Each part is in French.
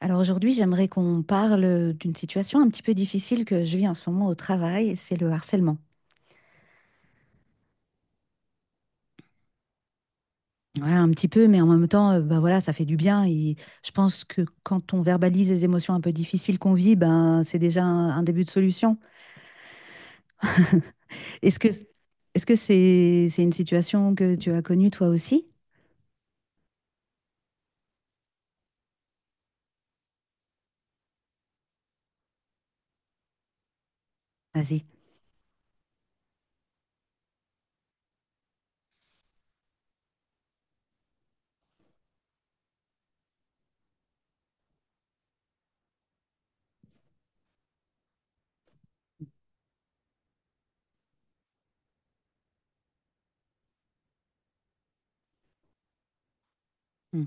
Alors aujourd'hui, j'aimerais qu'on parle d'une situation un petit peu difficile que je vis en ce moment au travail, c'est le harcèlement. Ouais, un petit peu, mais en même temps, bah voilà, ça fait du bien. Et je pense que quand on verbalise les émotions un peu difficiles qu'on vit, ben c'est déjà un début de solution. Est-ce que est-ce que c'est une situation que tu as connue toi aussi? Vas-y. Hmm,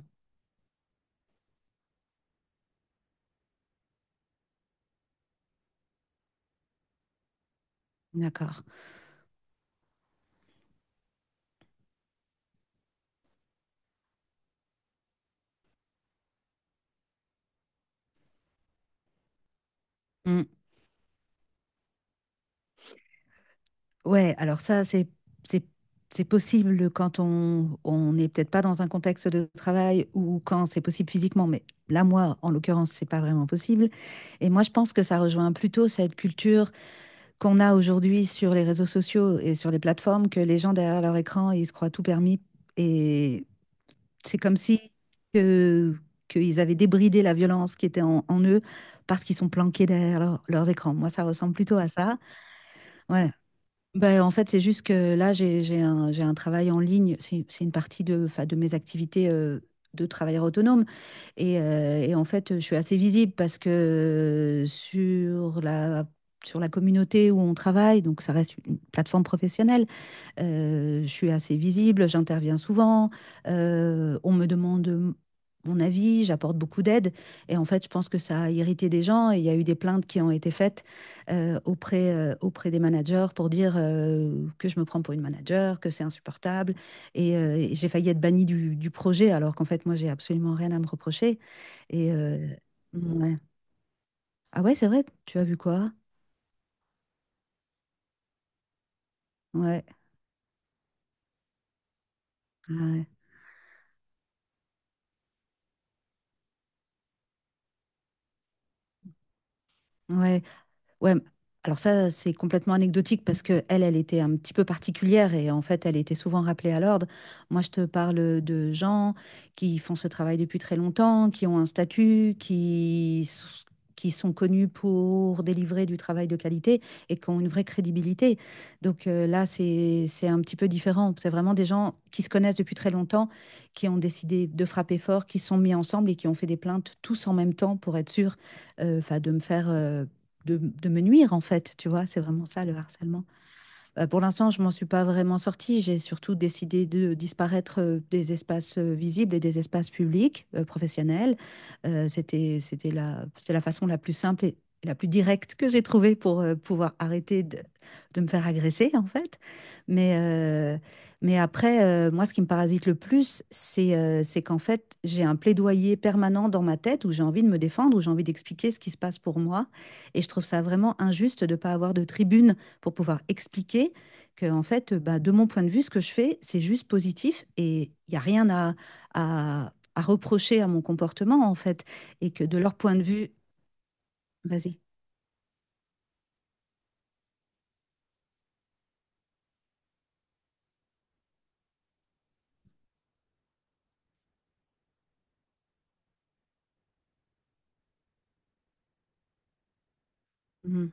d'accord. Hmm. Ouais, alors ça, c'est, c'est, c'est possible quand on n'est peut-être pas dans un contexte de travail ou quand c'est possible physiquement, mais là, moi, en l'occurrence, c'est pas vraiment possible. Et moi, je pense que ça rejoint plutôt cette culture qu'on a aujourd'hui sur les réseaux sociaux et sur les plateformes, que les gens derrière leur écran, ils se croient tout permis. Et c'est comme si que, qu'ils avaient débridé la violence qui était en eux parce qu'ils sont planqués derrière leurs écrans. Moi, ça ressemble plutôt à ça. Ouais. Ben, en fait, c'est juste que là, j'ai un travail en ligne. C'est une partie de, enfin, de mes activités de travailleur autonome. Et en fait, je suis assez visible parce que sur la communauté où on travaille, donc ça reste une plateforme professionnelle, je suis assez visible, j'interviens souvent, on me demande mon avis, j'apporte beaucoup d'aide. Et en fait, je pense que ça a irrité des gens et il y a eu des plaintes qui ont été faites auprès, auprès des managers pour dire que je me prends pour une manager, que c'est insupportable. Et j'ai failli être bannie du projet alors qu'en fait, moi, j'ai absolument rien à me reprocher. Et ouais. Ah ouais, c'est vrai, tu as vu quoi? Ouais. Ah ouais. Ouais. Ouais, alors ça, c'est complètement anecdotique parce que elle, elle était un petit peu particulière et en fait, elle était souvent rappelée à l'ordre. Moi, je te parle de gens qui font ce travail depuis très longtemps, qui ont un statut, qui sont connus pour délivrer du travail de qualité et qui ont une vraie crédibilité. Donc là, c'est un petit peu différent. C'est vraiment des gens qui se connaissent depuis très longtemps, qui ont décidé de frapper fort, qui se sont mis ensemble et qui ont fait des plaintes tous en même temps pour être sûrs, enfin, de me faire, de me nuire, en fait, tu vois, c'est vraiment ça le harcèlement. Pour l'instant, je m'en suis pas vraiment sortie. J'ai surtout décidé de disparaître des espaces visibles et des espaces publics, professionnels. C'était la, c'est la façon la plus simple et la plus directe que j'ai trouvée pour pouvoir arrêter de me faire agresser, en fait. Mais, mais après, moi, ce qui me parasite le plus, c'est qu'en fait, j'ai un plaidoyer permanent dans ma tête où j'ai envie de me défendre, où j'ai envie d'expliquer ce qui se passe pour moi. Et je trouve ça vraiment injuste de ne pas avoir de tribune pour pouvoir expliquer que, en fait, bah, de mon point de vue, ce que je fais, c'est juste positif et il n'y a rien à reprocher à mon comportement, en fait. Et que de leur point de vue, vas-y. Mm,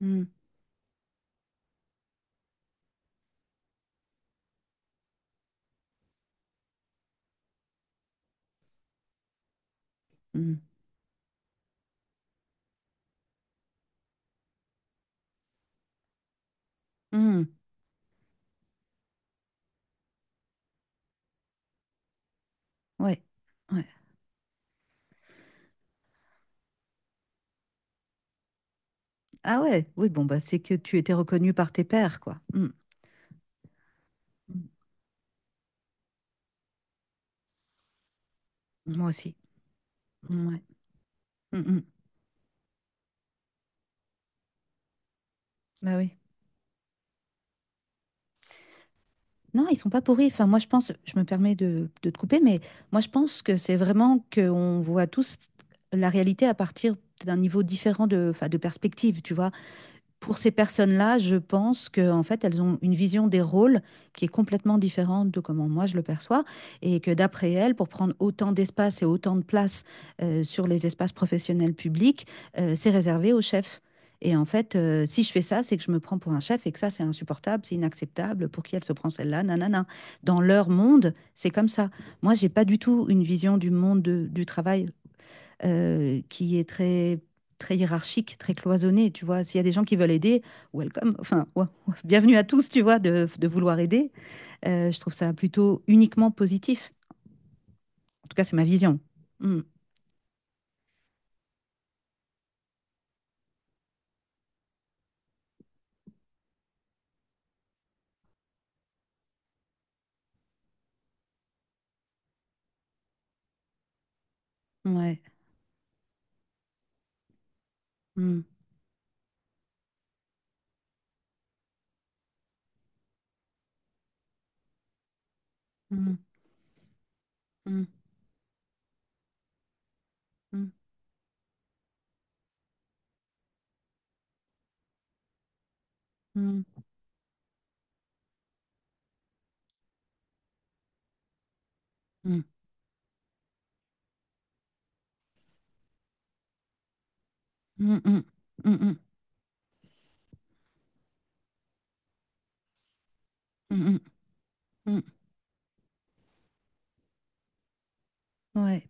mm, mm, mm. Ouais, ouais. Ah ouais, oui, bon, bah, c'est que tu étais reconnu par tes pairs, quoi. Mm. Mm. Moi aussi. Mm, ouais. Mm, mm. Bah oui. Non, ils sont pas pourris. Enfin, moi, je pense, je me permets de te couper, mais moi, je pense que c'est vraiment qu'on voit tous la réalité à partir d'un niveau différent de, enfin, de perspective, tu vois pour ces personnes-là, je pense que en fait, elles ont une vision des rôles qui est complètement différente de comment moi je le perçois, et que d'après elles, pour prendre autant d'espace et autant de place sur les espaces professionnels publics, c'est réservé aux chefs. Et en fait, si je fais ça, c'est que je me prends pour un chef et que ça, c'est insupportable, c'est inacceptable. Pour qui elle se prend celle-là Nanana. Dans leur monde, c'est comme ça. Moi, j'ai pas du tout une vision du monde du travail qui est très hiérarchique, très cloisonné, tu vois. S'il y a des gens qui veulent aider, welcome, enfin, ouais, ouais, bienvenue à tous, tu vois, de vouloir aider. Je trouve ça plutôt uniquement positif. En tout cas, c'est ma vision. Mm, ouais. Mm, mm, mm, mm, mm, mm, mm, mm, mm, mm, mm, mm, mm, ouais.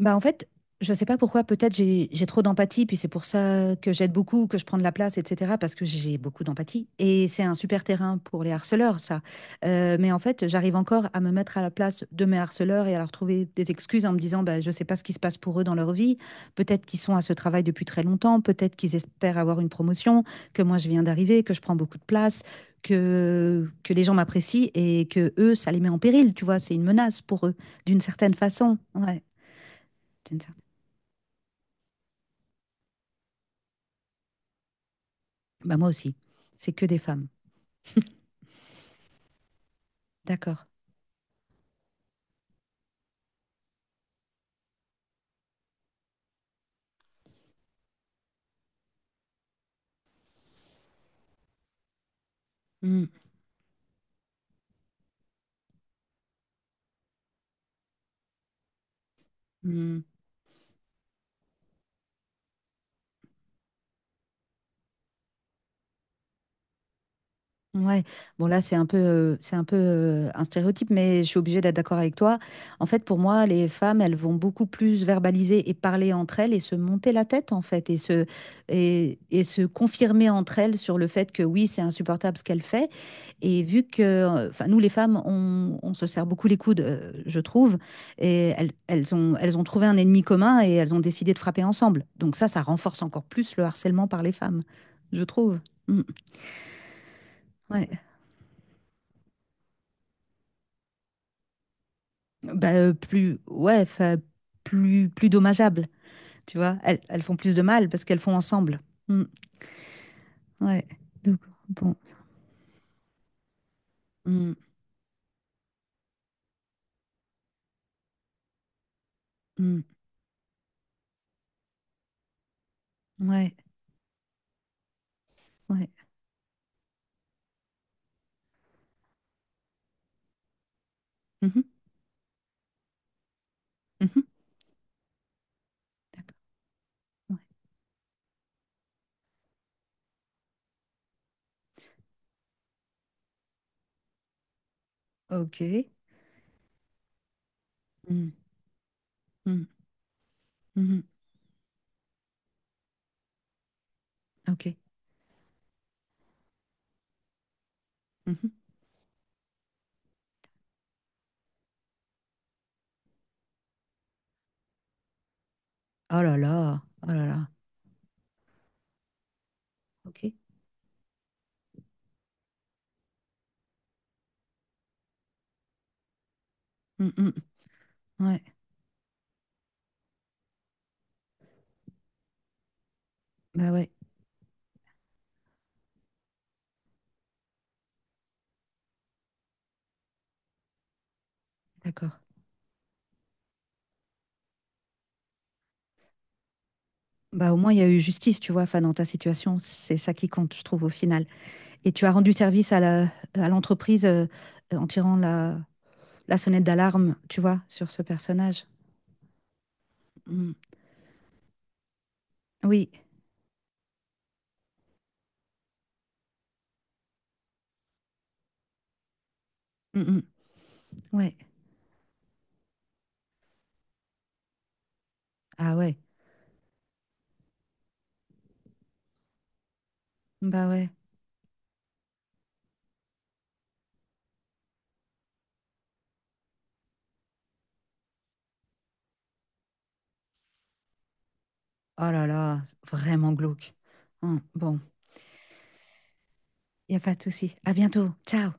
Bah en fait, je sais pas pourquoi, peut-être j'ai trop d'empathie, puis c'est pour ça que j'aide beaucoup, que je prends de la place, etc., parce que j'ai beaucoup d'empathie. Et c'est un super terrain pour les harceleurs, ça. Mais en fait, j'arrive encore à me mettre à la place de mes harceleurs et à leur trouver des excuses en me disant, bah, je sais pas ce qui se passe pour eux dans leur vie. Peut-être qu'ils sont à ce travail depuis très longtemps, peut-être qu'ils espèrent avoir une promotion, que moi je viens d'arriver, que je prends beaucoup de place. Que les gens m'apprécient et que eux, ça les met en péril, tu vois, c'est une menace pour eux, d'une certaine façon. Ouais. D'une certaine. Bah, moi aussi. C'est que des femmes. D'accord. Mm, mm. Ouais. Bon, là, c'est un peu un stéréotype, mais je suis obligée d'être d'accord avec toi. En fait, pour moi, les femmes, elles vont beaucoup plus verbaliser et parler entre elles et se monter la tête, en fait, et se confirmer entre elles sur le fait que oui, c'est insupportable ce qu'elle fait. Et vu que, enfin, nous les femmes, on se serre beaucoup les coudes, je trouve, et elles ont trouvé un ennemi commun et elles ont décidé de frapper ensemble. Donc ça renforce encore plus le harcèlement par les femmes, je trouve. Mm. Ouais. Bah, plus, ouais, enfin, plus, plus dommageable, tu vois. Elles font plus de mal parce qu'elles font ensemble. Mm. Ouais. Donc, bon. Mm, mm. Ouais, ouais. Mhm, mhm. D'accord. Ouais. Ok. Mm, mm, mhm. Ok. Mhm. Oh là là, oh là là, ok. Mm, mm. Ouais, bah ouais, d'accord. Bah au moins il y a eu justice, tu vois, enfin dans ta situation, c'est ça qui compte, je trouve, au final. Et tu as rendu service à à l'entreprise en tirant la sonnette d'alarme, tu vois, sur ce personnage. Mm. Oui, Mm, mm. Ouais, ah ouais, bah ouais. Oh là là, c'est vraiment glauque. Bon, il n'y a pas de souci. À bientôt, ciao.